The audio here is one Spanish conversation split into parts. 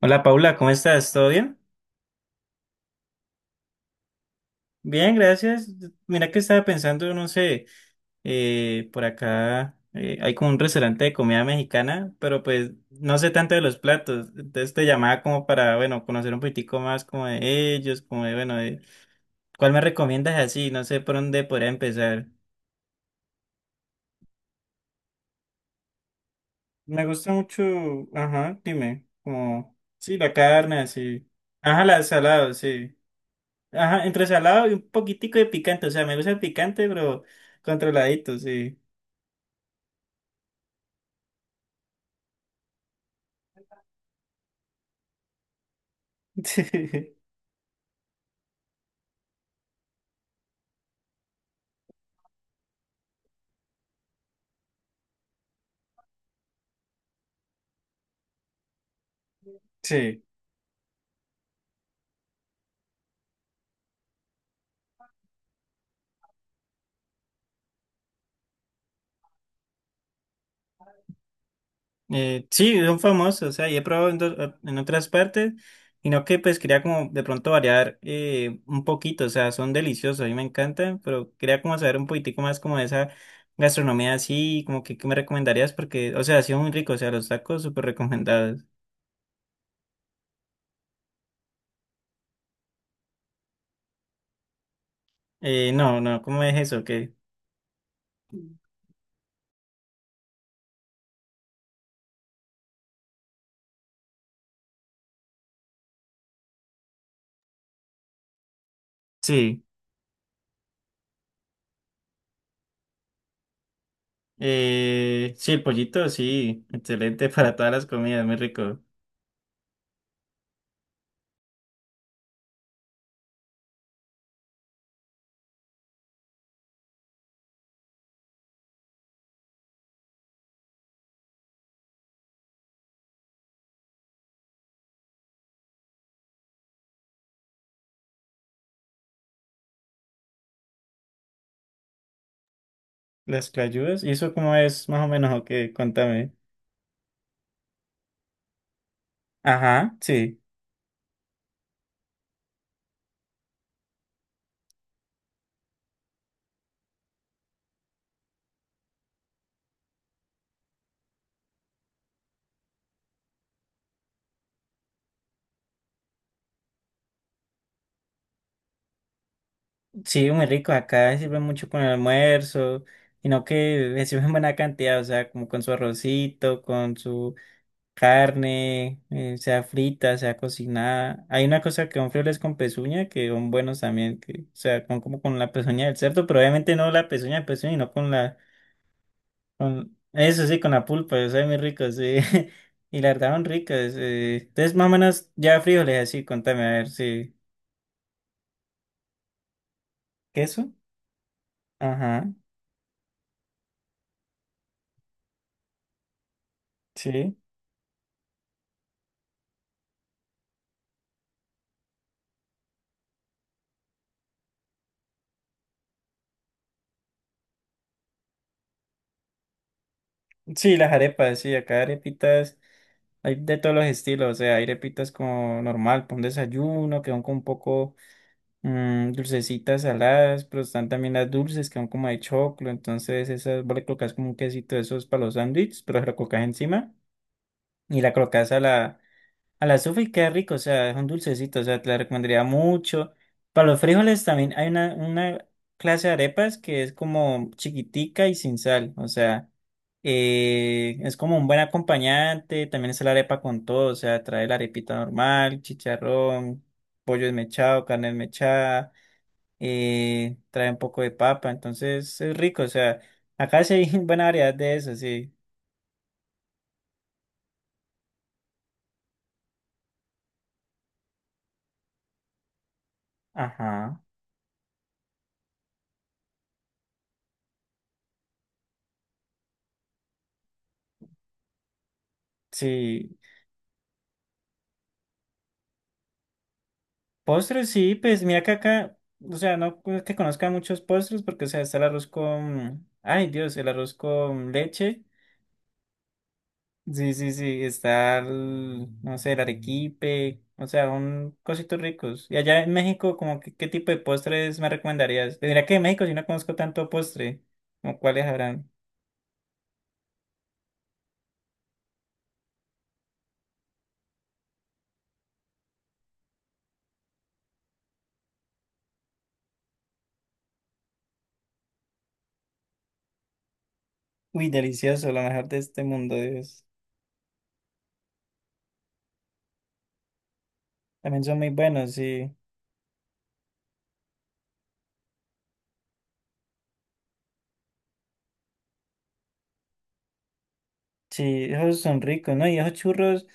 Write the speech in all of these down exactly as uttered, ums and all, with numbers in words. Hola Paula, ¿cómo estás? ¿Todo bien? Bien, gracias. Mira que estaba pensando, no sé, eh, por acá eh, hay como un restaurante de comida mexicana, pero pues no sé tanto de los platos. Entonces te llamaba como para, bueno, conocer un poquitico más como de ellos, como de, bueno, de, ¿cuál me recomiendas así? No sé por dónde podría empezar. Me gusta mucho, ajá, dime, como, sí, la carne, así. Ajá, la salado, sí. Ajá, entre salado y un poquitico de picante. O sea, me gusta el picante, pero controladito, sí. Sí. Sí. Eh, sí, son famosos. O sea, y he probado en, dos- eh, en otras partes. Y no que pues quería como de pronto variar eh, un poquito. O sea, son deliciosos, a mí me encantan. Pero quería como saber un poquitico más como de esa gastronomía así. Como que, ¿qué me recomendarías? Porque, o sea, ha sido muy rico. O sea, los tacos súper recomendados. Eh, no, no, ¿cómo es eso? Qué. Sí. Eh, sí, el pollito, sí, excelente para todas las comidas, muy rico. Las clayudas, ¿y eso cómo es más o menos o qué? Contame. Ajá, sí. Sí, muy rico, acá sirve mucho con el almuerzo, sino que le sirven buena cantidad, o sea, como con su arrocito, con su carne, eh, sea frita, sea cocinada. Hay una cosa que son frijoles con pezuña que son buenos también, que, o sea, con, como con la pezuña del cerdo, pero obviamente no la pezuña de pezuña, sino con la Con, eso sí, con la pulpa, yo soy muy rico, sí. Y la verdad, son ricas. eh. Entonces, más o menos, ya frijoles así, contame, a ver, sí. ¿Queso? Ajá, sí. Sí, las arepas, sí, acá arepitas, hay de todos los estilos, o sea, hay arepitas como normal, con desayuno, que son como un poco mm, dulcecitas, saladas, pero están también las dulces, que son como de choclo, entonces esas vos le colocas como un quesito de esos para los sándwiches, pero se lo colocas encima y la colocas a la Al azufre queda rico, o sea, es un dulcecito, o sea, te la recomendaría mucho. Para los frijoles también hay una, una clase de arepas que es como chiquitica y sin sal, o sea, eh, es como un buen acompañante, también es la arepa con todo, o sea, trae la arepita normal, chicharrón, pollo desmechado, carne desmechada, eh, trae un poco de papa, entonces es rico, o sea, acá sí hay buena variedad de eso, sí. Ajá, sí. Postres, sí, pues mira que acá, o sea, no es que conozca muchos postres porque, o sea, está el arroz con, ay Dios, el arroz con leche. Sí, sí, sí, está el, no sé, el arequipe, o sea, un cositos ricos. Y allá en México, como que, ¿qué tipo de postres me recomendarías? Pues mira que en México yo no conozco tanto postre, como cuáles habrán. Uy, delicioso, lo mejor de este mundo, Dios. También son muy buenos, sí. Sí, esos son ricos, ¿no? Y esos churros,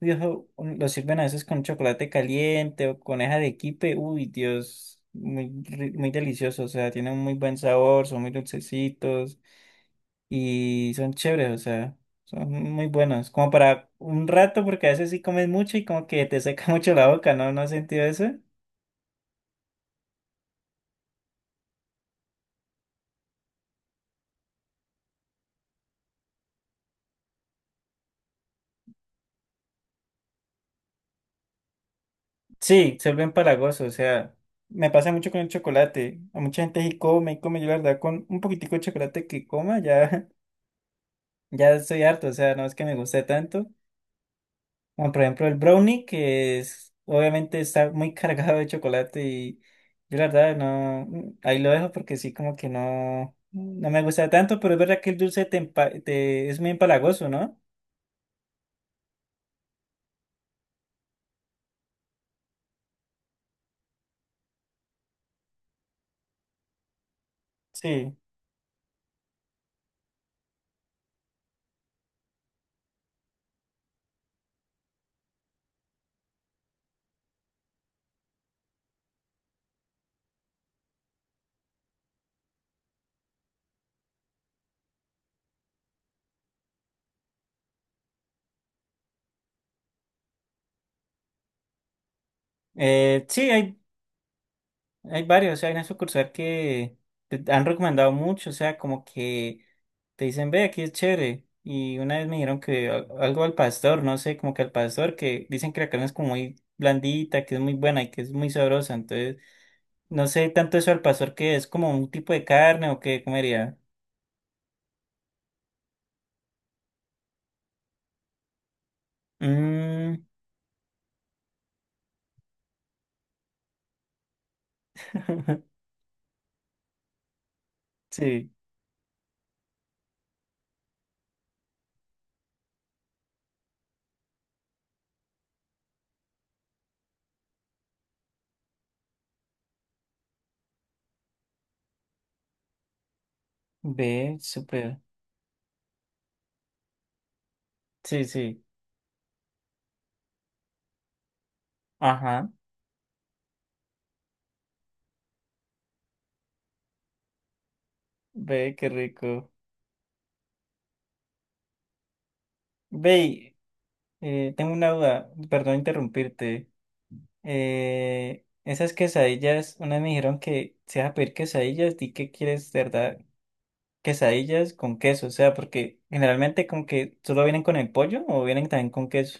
viejo, los sirven a veces con chocolate caliente o con esa de arequipe. Uy, Dios, muy, ri- muy deliciosos, o sea, tienen un muy buen sabor, son muy dulcecitos y son chéveres, o sea, son muy buenos. Como para un rato, porque a veces sí comes mucho y como que te seca mucho la boca, ¿no? ¿No has sentido eso? Sí, se vuelve empalagoso, o sea, me pasa mucho con el chocolate. A mucha gente sí come y come, yo la verdad con un poquitico de chocolate que coma ya. Ya estoy harto, o sea, no es que me guste tanto. Como por ejemplo el brownie, que es, obviamente está muy cargado de chocolate y yo la verdad no, mm, ahí lo dejo porque sí como que no, no me gusta tanto, pero es verdad que el dulce te empa- te- es muy empalagoso, ¿no? Sí. Eh, sí, hay Hay varios, o sea, hay una sucursal que te han recomendado mucho, o sea, como que te dicen, ve, aquí es chévere. Y una vez me dijeron que al- algo al pastor, no sé, como que al pastor, que dicen que la carne es como muy blandita, que es muy buena y que es muy sabrosa. Entonces, no sé tanto eso al pastor, que es como un tipo de carne o qué comería. Mm. Sí, ve, súper. Sí, sí, ajá, ve, qué rico. Ve, y, eh, tengo una duda, perdón interrumpirte. Eh, esas quesadillas, una vez me dijeron que si vas a pedir quesadillas, di que quieres, de verdad, quesadillas con queso, o sea, porque generalmente como que solo vienen con el pollo o vienen también con queso.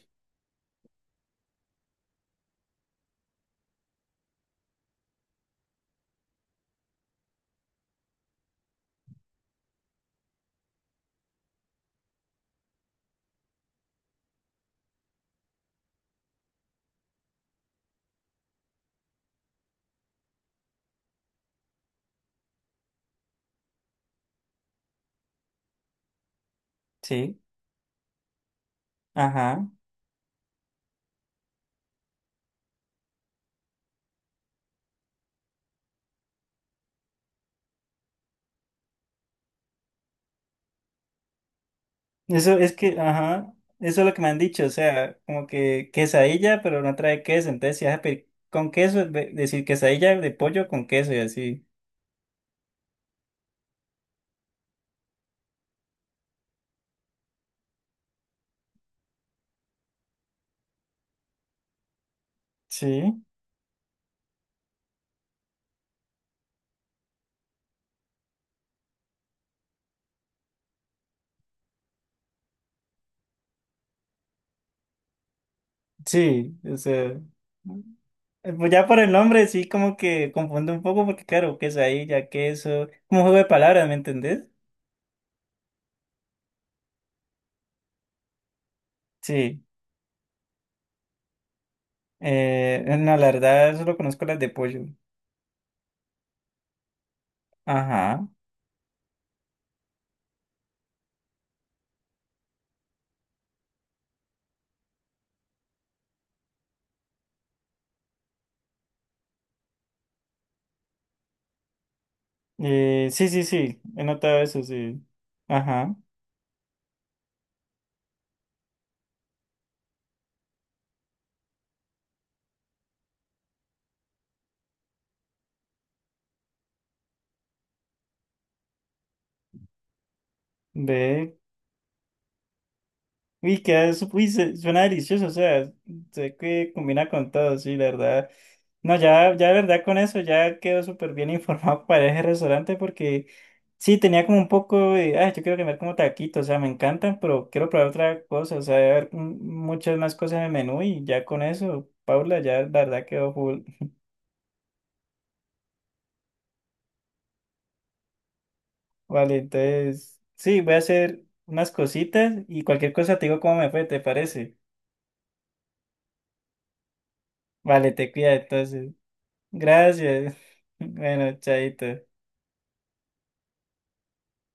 Sí, ajá. Eso es que, ajá, eso es lo que me han dicho, o sea, como que quesadilla, pero no trae queso, entonces si vas a pedir con queso, es ve- decir quesadilla de pollo con queso y así. Sí, sí, o sea. Eh, Pues ya por el nombre sí como que confunde un poco porque claro, quesadilla, queso, como un juego de palabras, ¿me entendés? Sí, eh, no, la verdad solo conozco las de pollo. Ajá. Eh, sí, sí, sí, he notado eso, sí. Ajá. Ve, uy, queda, su- uy, se- suena delicioso, o sea, sé que combina con todo, sí, la verdad. No, ya, ya de verdad con eso ya quedo súper bien informado para ese restaurante porque sí, tenía como un poco de, ay, yo quiero comer como taquitos, o sea, me encantan, pero quiero probar otra cosa, o sea, debe haber m- muchas más cosas en el menú y ya con eso, Paula, ya la verdad quedó full. Vale, entonces, sí, voy a hacer unas cositas y cualquier cosa te digo cómo me fue, ¿te parece? Vale, te cuida entonces. Gracias. Bueno, chaito.